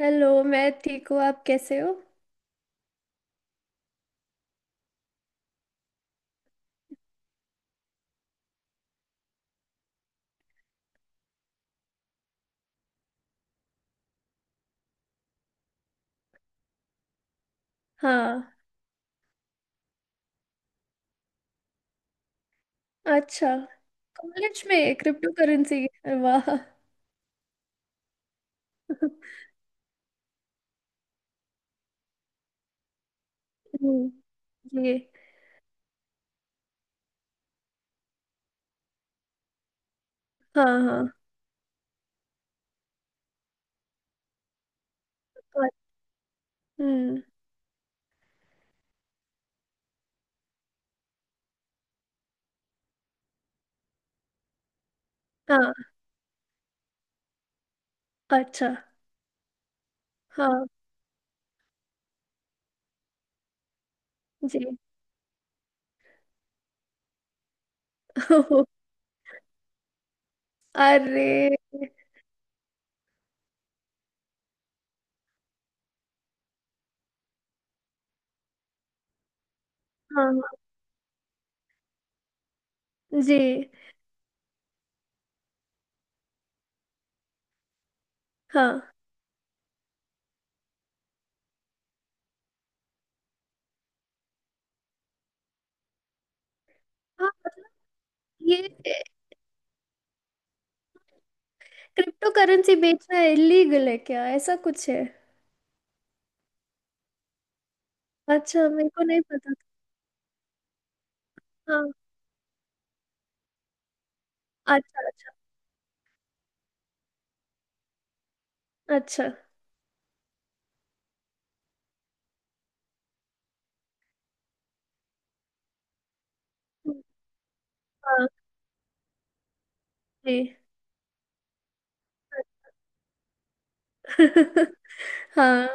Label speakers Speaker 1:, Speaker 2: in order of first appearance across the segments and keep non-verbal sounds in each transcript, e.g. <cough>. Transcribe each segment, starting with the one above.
Speaker 1: Hello. मैं ठीक हूँ, आप कैसे हो? हाँ। अच्छा। कॉलेज में क्रिप्टो करेंसी! वाह। हम्म। ये। हाँ, हाँ। और- हम्म। हाँ। अच्छा। हाँ। जी। <laughs> अरे। हाँ, हाँ। जी। हाँ, हाँ। ये, क्रिप्टो करेंसी बेचना इलीगल है क्या? ऐसा कुछ है? अच्छा, मेरे को नहीं पता था। हाँ। अच्छा, अच्छा। अच्छा। हाँ। जी। <laughs> हाँ,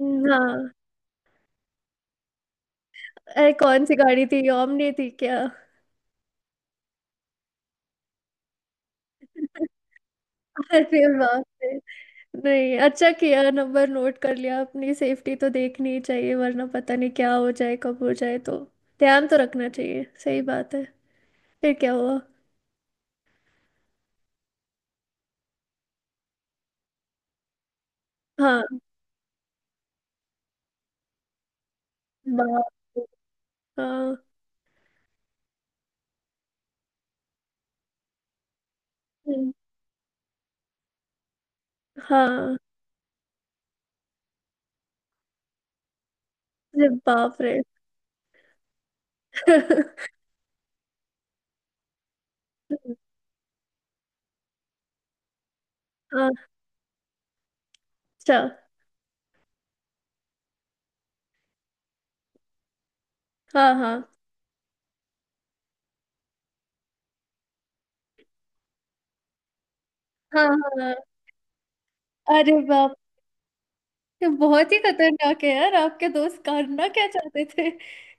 Speaker 1: हाँ। अरे, कौन सी गाड़ी थी? ओमनी थी क्या? अरे बाप रे। नहीं, अच्छा किया नंबर नोट कर लिया। अपनी सेफ्टी तो देखनी ही चाहिए, वरना पता नहीं क्या हो जाए, कब हो जाए, तो। ध्यान तो रखना चाहिए, सही बात है। फिर क्या हुआ? हाँ। बाप रे। हाँ। हम्म। हाँ। अरे बाप रे। <laughs> हाँ। अच्छा। हाँ, हाँ। हाँ, हाँ। अरे बाप! ये बहुत ही खतरनाक है यार, आपके दोस्त करना क्या चाहते थे?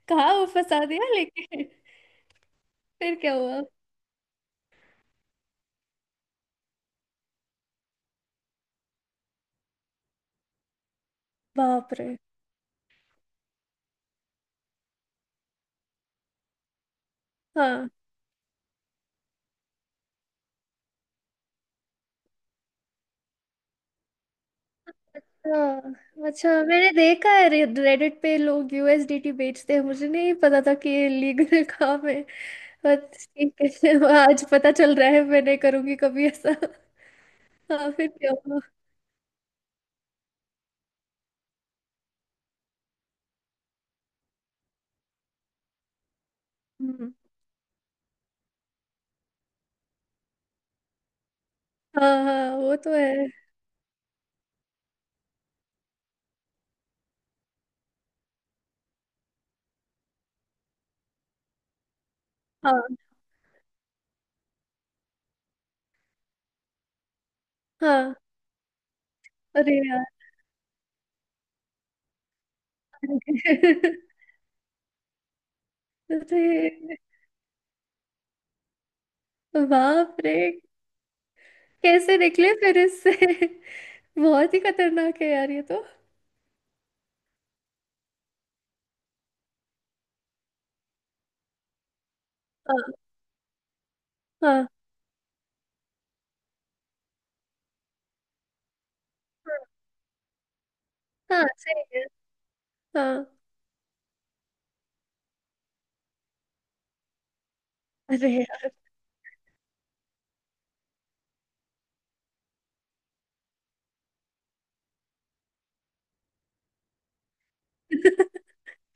Speaker 1: कहाँ वो फंसा दिया लेके। फिर क्या हुआ? बाप रे। हाँ, हाँ। अच्छा, मैंने देखा है रेडिट पे लोग यूएसडीटी बेचते हैं। मुझे नहीं पता था कि ये लीगल <laughs> काम है। बट ठीक है। <laughs> आज पता चल रहा है, मैं नहीं करूंगी कभी ऐसा। हाँ, फिर क्या हुआ? हम्म। हाँ, हाँ, वो तो है। हाँ, हाँ। अरे यार। <laughs> अरे बाप रे, कैसे निकले फिर इससे? <laughs> बहुत ही खतरनाक है यार ये तो। हाँ। हाँ। हाँ, सही है। हाँ। अरे यार।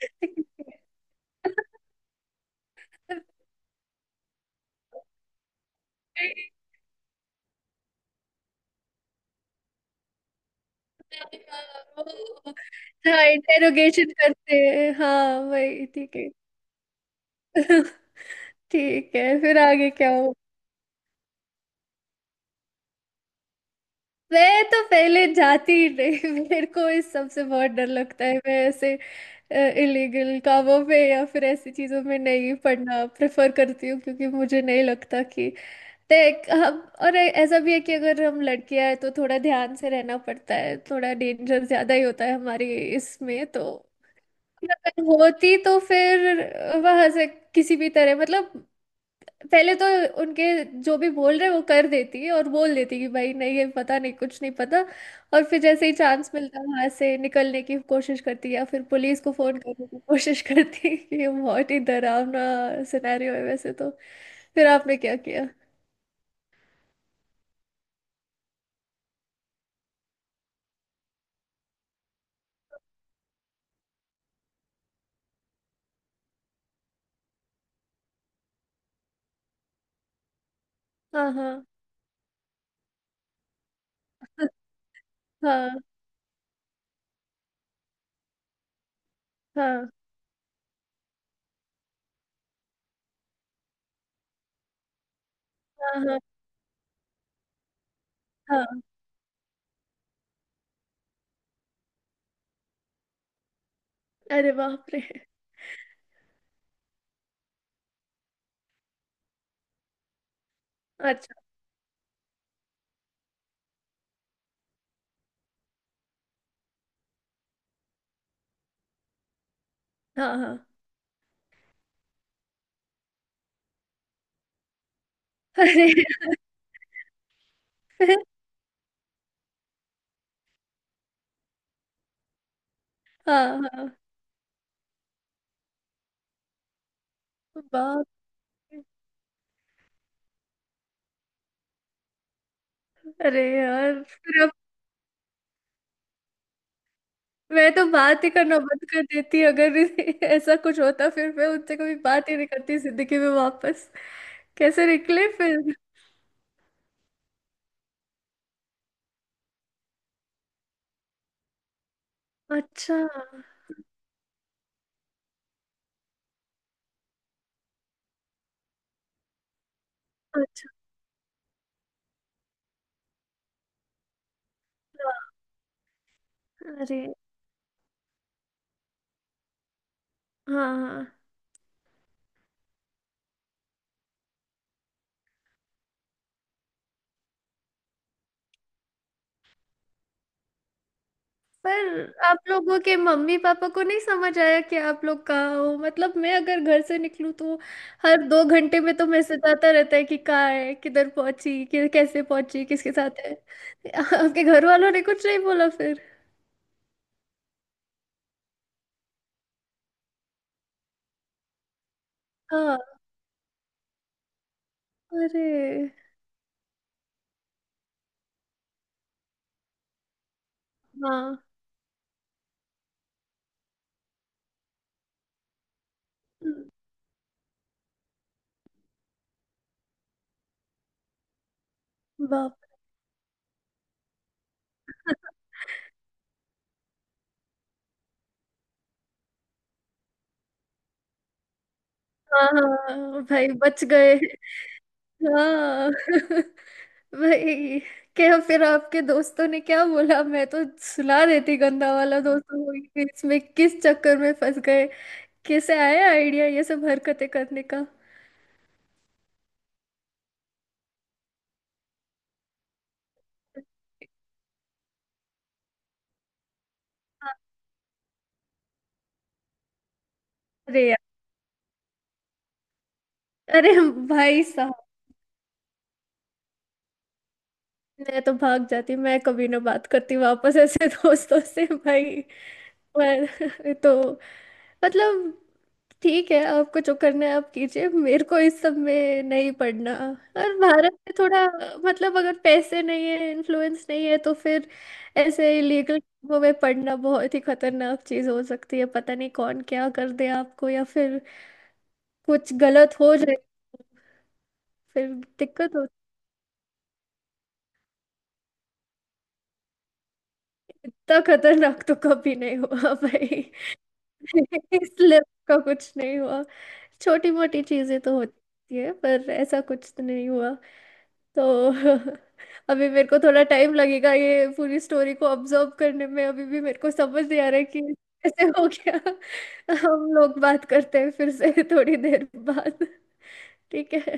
Speaker 1: <laughs> हाँ, इंटेरोगेशन करते हैं, हाँ वही, ठीक है। <laughs> ठीक है, फिर आगे क्या हो? मैं तो पहले जाती ही नहीं। <laughs> मेरे को इस सब से बहुत डर लगता है। मैं ऐसे इलीगल कामों में या फिर ऐसी चीजों में नहीं पढ़ना प्रेफर करती हूँ, क्योंकि मुझे नहीं लगता कि देख हम। और ऐसा भी है कि अगर हम लड़कियां हैं तो थोड़ा ध्यान से रहना पड़ता है, थोड़ा डेंजर ज्यादा ही होता है हमारी इसमें, तो। अगर होती तो फिर वहां से किसी भी तरह, मतलब पहले तो उनके जो भी बोल रहे वो कर देती है, और बोल देती कि भाई नहीं, ये पता नहीं, कुछ नहीं पता। और फिर जैसे ही चांस मिलता वहां से निकलने की कोशिश करती, या फिर पुलिस को फोन करने की कोशिश करती। ये बहुत ही डरावना सिनेरियो है वैसे तो। फिर आपने क्या किया? हाँ, हाँ। हाँ, हाँ। हाँ। हाँ। हाँ अरे बाप रे। अच्छा। हाँ, हाँ। अरे। <laughs> हाँ, हाँ। बाप! अरे यार, फिर अब मैं तो बात ही करना बंद कर देती अगर <laughs> ऐसा कुछ होता। फिर मैं उनसे कभी बात ही नहीं करती जिंदगी में वापस। कैसे निकले फिर? अच्छा, अच्छा। अरे। हाँ, हाँ। पर आप लोगों के मम्मी पापा को नहीं समझ आया कि आप लोग कहाँ हो? मतलब मैं अगर घर से निकलूँ तो हर 2 घंटे में तो मैसेज आता रहता है कि कहाँ है, किधर पहुंची, कि कैसे पहुंची, किसके साथ है। आपके घर वालों ने कुछ नहीं बोला फिर? हाँ। अरे। हाँ। बाप! हाँ, हाँ, भाई बच गए। हाँ। <laughs> भाई, क्या! फिर आपके दोस्तों ने क्या बोला? मैं तो सुला देती गंदा वाला दोस्तों को, कि इसमें किस चक्कर में फंस गए। कैसे आया आइडिया ये सब हरकतें करने का? अरे यार। अरे भाई साहब, मैं तो भाग जाती, मैं कभी ना बात करती वापस ऐसे <laughs> दोस्तों से भाई। पर <laughs> तो मतलब, ठीक है आपको जो करना है आप कीजिए, मेरे को इस सब में नहीं पड़ना। और भारत में थोड़ा, मतलब अगर पैसे नहीं है, इन्फ्लुएंस नहीं है, तो फिर ऐसे इलीगल वो में पड़ना बहुत ही खतरनाक चीज हो सकती है। पता नहीं कौन क्या कर दे आपको, या फिर कुछ गलत हो जाए, फिर दिक्कत होती है। इतना खतरनाक तो कभी नहीं हुआ। <laughs> भाई। <laughs> इसलिए उसका कुछ नहीं हुआ। छोटी मोटी चीजें तो होती है, पर ऐसा कुछ तो नहीं हुआ। तो <laughs> अभी मेरे को थोड़ा टाइम लगेगा ये पूरी स्टोरी को ऑब्जर्व करने में। अभी भी मेरे को समझ नहीं आ रहा है कि कैसे हो गया। <laughs> हम लोग बात करते हैं फिर से थोड़ी देर बाद, ठीक है?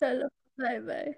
Speaker 1: चलो, बाय बाय।